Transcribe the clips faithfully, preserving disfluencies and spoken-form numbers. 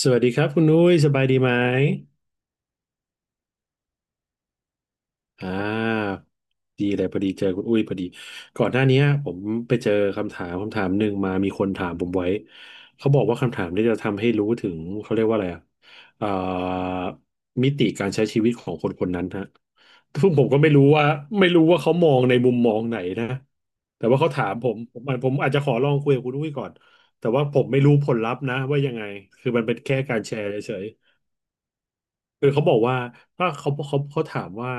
สวัสดีครับคุณอุ้ยสบายดีไหมอ่าดีเลยพอดีเจอคุณอุ้ยพอดีก่อนหน้านี้ผมไปเจอคำถามคำถามหนึ่งมามีคนถามผมไว้เขาบอกว่าคำถามที่จะทำให้รู้ถึงเขาเรียกว่าอะไรอ่ะเอ่อมิติการใช้ชีวิตของคนคนนั้นฮะซึ่งผมก็ไม่รู้ว่าไม่รู้ว่าเขามองในมุมมองไหนนะแต่ว่าเขาถามผมผมผมอาจจะขอลองคุยกับคุณอุ้ยก่อนแต่ว่าผมไม่รู้ผลลัพธ์นะว่ายังไงคือมันเป็นแค่การแชร์เฉย คือเขาบอกว่าถ้าเขาเขาเขาถามว่า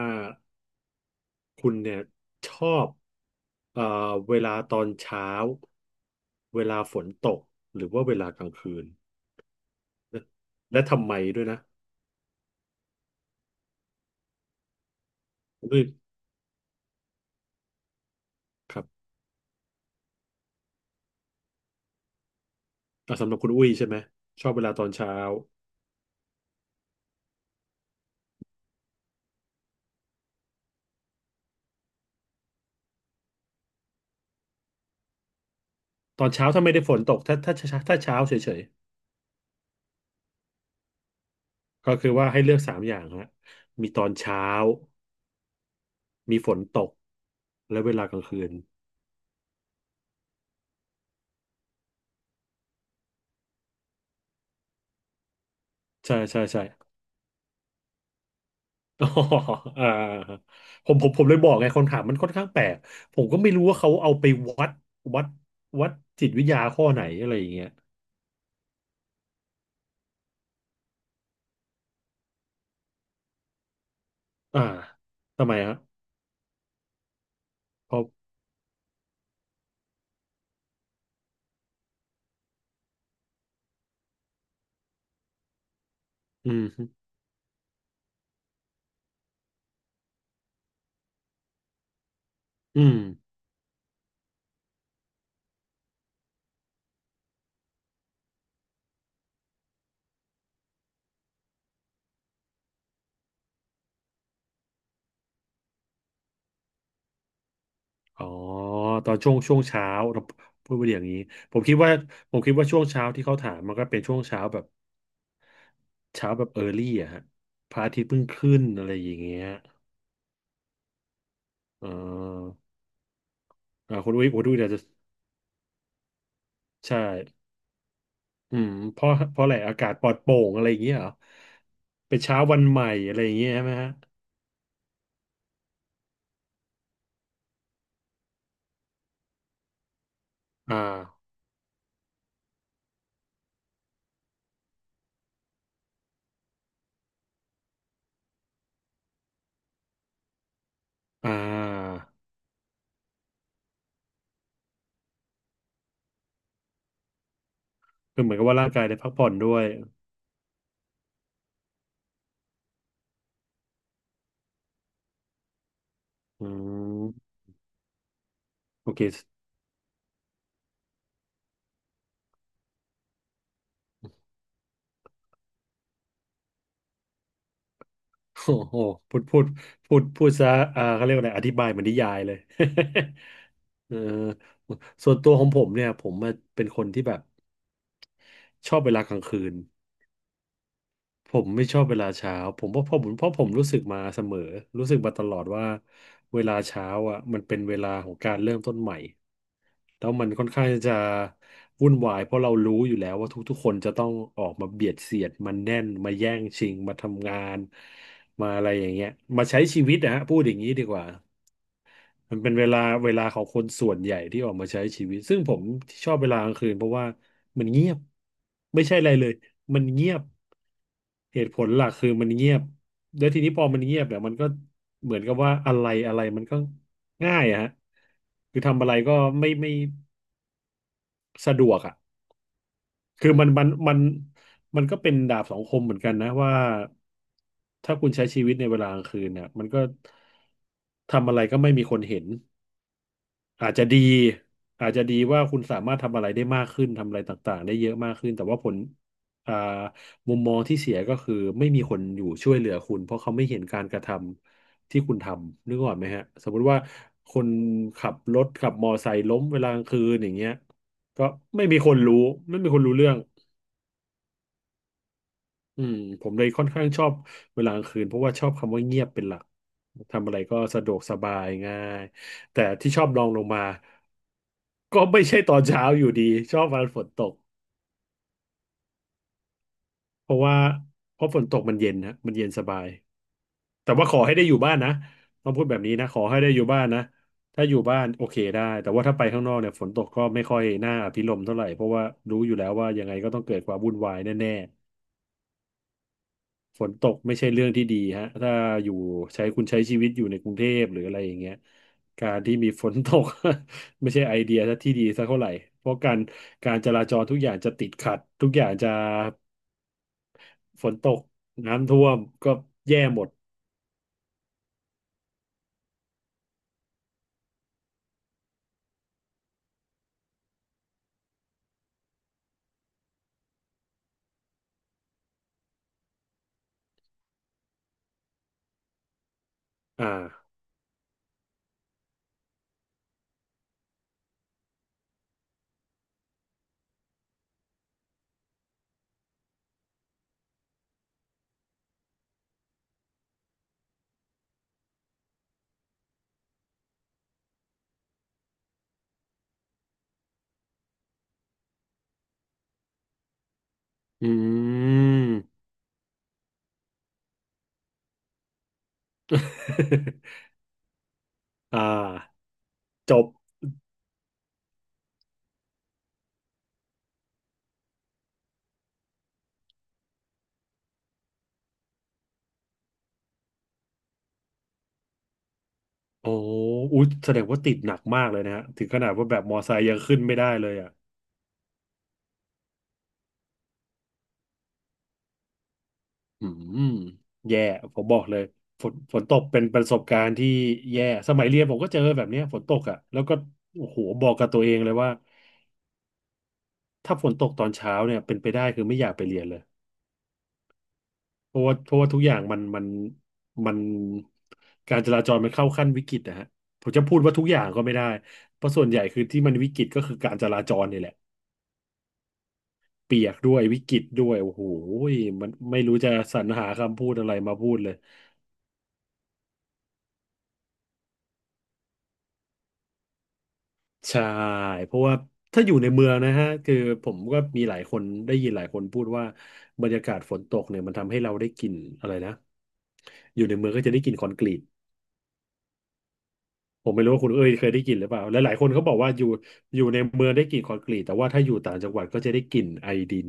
คุณเนี่ยชอบเอ่อเวลาตอนเช้าเวลาฝนตกหรือว่าเวลากลางคืนนะและทำไมด้วยนะด้วยครับอ่ะสำหรับคุณอุ้ยใช่ไหมชอบเวลาตอนเช้าตอนเช้าถ้าไม่ได้ฝนตกถ้าถ้าถ้าเช้าเฉยๆก็คือว่าให้เลือกสามอย่างฮะมีตอนเช้ามีฝนตกและเวลากลางคืนใช่ใช่ใช่ อ๋ออ่าผมผมผมเลยบอกไงคำถามมันค่อนข้างแปลก ผมก็ไม่รู้ว่าเขาเอาไปวัดวัดวัดจิตวิทยาข้อไหนอะไรอย่างเงี้ยอ่าทำไมฮะเพราะอืมอืม อ๋อตอนช่วงช่วงเช้าเราพูดไปอย่างนี้ผมคิดว่าผมคิดว่าช่วงเช้าที่เขาถามมันก็เป็นช่วงเช้าแบบเช้าแบบเออร์ลี่อะฮะพระอาทิตย์เพิ่งขึ้นอะไรอย่างเงี้ยอ่าอ่าคุณอุ้ยคุณอุ้ยอาจจะใช่ อืมเพราะเพราะอะไรอากาศปลอดโปร่งอะไรอย่างเงี้ยเหรอเป็นเช้าวันใหม่อะไรอย่างเงี้ยใช่ไหมฮะอ่าอ่าคือเหมือนกับว่าร่างกายได้พักผ่อนด้วยอืมโอเค โอ้โหพูดพูดพูดพูดซะอ่าเขาเรียกว่าอะไรอธิบายเหมือนนิยายเลย เออส่วนตัวของผมเนี่ยผมเป็นคนที่แบบชอบเวลากลางคืน ผมไม่ชอบเวลาเช้าผมว่าเพราะผมเพราะผมรู้สึกมาเสมอรู้สึกมาตลอดว่าเวลาเช้าอ่ะมันเป็นเวลาของการเริ่มต้นใหม่แล้วมันค่อนข้างจะวุ่นวายเพราะเรารู้อยู่แล้วว่าทุกๆคนจะต้องออกมาเบียดเสียดมันแน่นมาแย่งชิงมาทำงานมาอะไรอย่างเงี้ยมาใช้ชีวิตนะฮะพูดอย่างนี้ดีกว่ามันเป็นเวลาเวลาของคนส่วนใหญ่ที่ออกมาใช้ชีวิตซึ่งผมชอบเวลากลางคืนเพราะว่ามันเงียบไม่ใช่อะไรเลยมันเงียบ เหตุผลหลักคือมันเงียบแล้วทีนี้พอมันเงียบเนี่ยมันก็เหมือนกับว่าอะไรอะไรมันก็ง่ายอะฮะคือทำอะไรก็ไม่ไม่สะดวกอ่ะคือมันมันมันมันก็เป็นดาบสองคมเหมือนกันนะว่าถ้าคุณใช้ชีวิตในเวลากลางคืนเนี่ยมันก็ทำอะไรก็ไม่มีคนเห็น อาจจะดีอาจจะดีว่าคุณสามารถทำอะไรได้มากขึ้นทำอะไรต่างๆได้เยอะมากขึ้นแต่ว่าผลอ่ามุมมองที่เสียก็คือไม่มีคนอยู่ช่วยเหลือคุณเพราะเขาไม่เห็นการกระทำที่คุณทำนึกออกไหมฮะสมมติว่าคนขับรถขับมอไซค์ล้มเวลากลางคืนอย่างเงี้ยก็ไม่มีคนรู้ไม่มีคนรู้เรื่อง อืมผมเลยค่อนข้างชอบเวลากลางคืนเพราะว่าชอบคำว่าเงียบเป็นหลักทำอะไรก็สะดวกสบายง่ายแต่ที่ชอบลองลงมาก็ไม่ใช่ตอนเช้าอยู่ดีชอบวันฝนตกเพราะว่าเพราะฝนตกมันเย็นนะมันเย็นสบายแต่ว่าขอให้ได้อยู่บ้านนะต้องพูดแบบนี้นะขอให้ได้อยู่บ้านนะถ้าอยู่บ้านโอเคได้แต่ว่าถ้าไปข้างนอกเนี่ยฝนตกก็ไม่ค่อยน่าอภิรมย์เท่าไหร่เพราะว่ารู้อยู่แล้วว่ายังไงก็ต้องเกิดความวุ่นวายแน่ ฝนตกไม่ใช่เรื่องที่ดีฮะถ้าอยู่ใช้คุณใช้ชีวิตอยู่ในกรุงเทพหรืออะไรอย่างเงี้ยการที่มีฝนตก ไม่ใช่ไอเดียที่ดีสักเท่าไหร่เพราะการการจราจรทุกอย่างจะติดขัดทุกอย่างจะฝนตกน้ำท่วมก็แย่หมดอ่าอืม อ่าจบโอ้อุ๊ยแสดงว่าติดหนักมากเลยนะฮะถึงขนาดว่าแบบมอไซค์ยังขึ้นไม่ได้เลยอ่ะ อืมแย่ผมบอกเลยฝนฝนตกเป็นประสบการณ์ที่แย่สมัยเรียนผมก็เจอแบบเนี้ยฝนตกอ่ะแล้วก็โอ้โหบอกกับตัวเองเลยว่าถ้าฝนตกตอนเช้าเนี่ยเป็นไปได้คือไม่อยากไปเรียนเลยเพราะว่าเพราะว่าทุกอย่างมันมันมันการจราจรมันเข้าขั้นวิกฤตนะฮะผมจะพูดว่าทุกอย่างก็ไม่ได้เพราะส่วนใหญ่คือที่มันวิกฤตก็คือการจราจรนี่แหละเปียกด้วยวิกฤตด้วยโอ้โหมันไม่รู้จะสรรหาคำพูดอะไรมาพูดเลย ใช่เพราะว่าถ้าอยู่ในเมืองนะฮะคือผมก็มีหลายคนได้ยินหลายคนพูดว่าบรรยากาศฝนตกเนี่ยมันทำให้เราได้กลิ่นอะไรนะอยู่ในเมืองก็จะได้กลิ่นคอนกรีตผมไม่รู้ว่าคุณเอ้ยเคยได้กลิ่นหรือเปล่าและหลายคนเขาบอกว่าอยู่อยู่ในเมืองได้กลิ่นคอนกรีตแต่ว่าถ้าอยู่ต่างจังหวัดก็จะได้กลิ่นไอดิน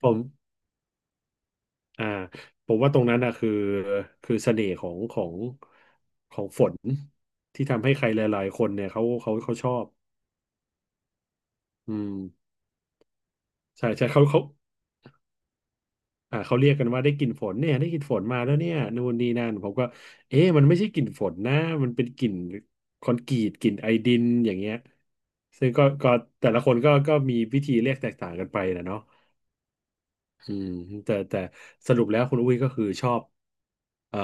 ผมอ่าผมว่าตรงนั้นนะคือคือเสน่ห์ของของของฝนที่ทำให้ใครหลายๆคนเนี่ยเขาเขาเขาชอบอืมใช่ใช่เขาเขา อ่าเขาเรียกกันว่าได้กลิ่นฝนเนี่ยได้กลิ่นฝนมาแล้วเนี่ยนู่นนี่นั่นผมก็เอ๊ะมันไม่ใช่กลิ่นฝนนะมันเป็นกลิ่นคอนกรีตกลิ่นไอดินอย่างเงี้ยซึ่งก็ก็แต่ละคนก็ก็มีวิธีเรียกแตกต่างกันไปนะเนาะอืมแต่แต่สรุปแล้วคุณอุ้ยก็คือชอบเอ่อ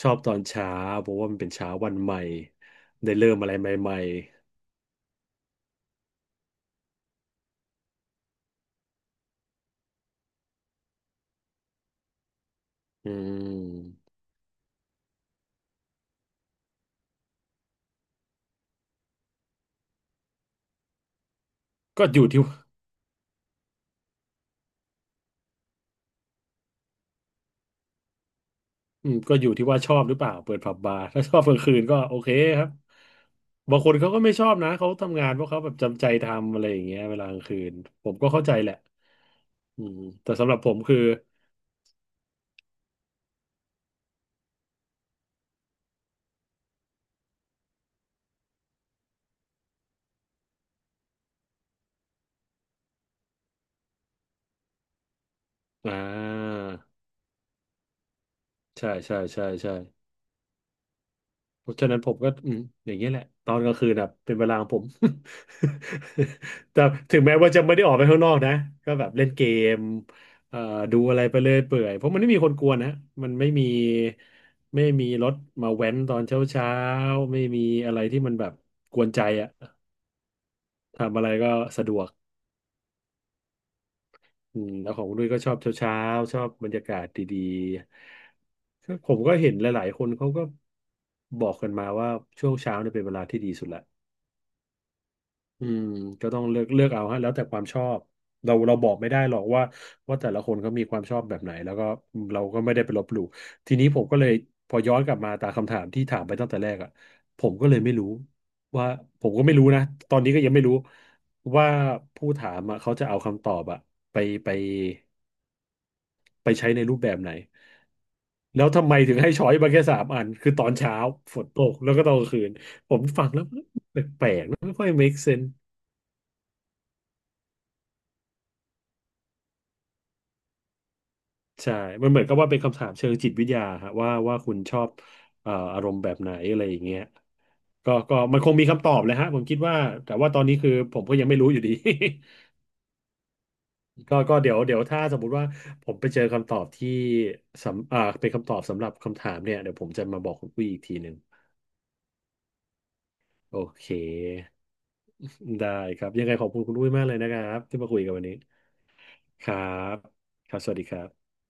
ชอบตอนเช้าเพราะว่ามันเป็นเช้าวันใหม่ได้เริ่มอะไรใหม่ๆอืมก็อยู่ที่ อืมก็อยู่ที่ว่าชอบหรือเปล่าเปิดผับบาร์ ถ้าชอบกลางคืนก็โอเคครับบางคนเขาก็ไม่ชอบนะเขาทำงานเพราะเขาแบบจำใจทำอะไรอย่างเงี้ยเวลากลางคืนผมก็เข้าใจแหละอืมแต่สำหรับผมคืออ่าใช่ใช่ใช่ใช่ เพราะฉะนั้นผมก็อืมอย่างเงี้ยแหละตอนกลางคืนแบบเป็นเวลาของผม แต่ถึงแม้ว่าจะไม่ได้ออกไปข้างนอกนะก็แบบเล่นเกมเอ่อดูอะไรไปเรื่อยเปื่อยเพราะมันไม่มีคนกวนนะมันไม่มีไม่มีรถมาแว้นตอนเช้าเช้าไม่มีอะไรที่มันแบบกวนใจอะทำอะไรก็สะดวกอืมแล้วของคุณด้วยก็ชอบเช้าเช้าชอบบรรยากาศดีๆก็ผมก็เห็นหลายๆคนเขาก็บอกกันมาว่าช่วงเช้าเนี่ยเป็นเวลาที่ดีสุดละ อืมก็ต้องเลือกเลือกเอาฮะแล้วแต่ความชอบเราเราบอกไม่ได้หรอกว่าว่าแต่ละคนเขามีความชอบแบบไหนแล้วก็เราก็ไม่ได้ไปลบหลู่ทีนี้ผมก็เลยพอย้อนกลับมาตามคำถามที่ถามไปตั้งแต่แรกอ่ะผมก็เลยไม่รู้ว่าผมก็ไม่รู้นะตอนนี้ก็ยังไม่รู้ว่าผู้ถามอะเขาจะเอาคำตอบอะไปไปไปใช้ในรูปแบบไหนแล้วทำไมถึงให้ช้อยส์มาแค่สามอันคือตอนเช้าฝนตกแล้วก็ตอนกลางคืนผมฟังแล้วไม่ค่อย เมค เซนส์ ใช่มันเหมือนกับว่าเป็นคำถามเชิงจิตวิทยาฮะว่าว่าคุณชอบเอ่ออารมณ์แบบไหนอะไรอย่างเงี้ยก็ก็มันคงมีคำตอบเลยฮะผมคิดว่าแต่ว่าตอนนี้คือผมก็ยังไม่รู้อยู่ดี ก็ก็เดี๋ยวเดี๋ยวถ้าสมมุติว่าผมไปเจอคำตอบที่สำอ่าเป็นคำตอบสำหรับคำถามเนี่ยเดี๋ยวผมจะมาบอกคุณอุ้ยอีกทีหนึ่งโอเคได้ครับยังไงขอบคุณคุณอุ้ยมากเลยนะครับที่มาคุยกันวันนี้ครับครับสวัสดีครับ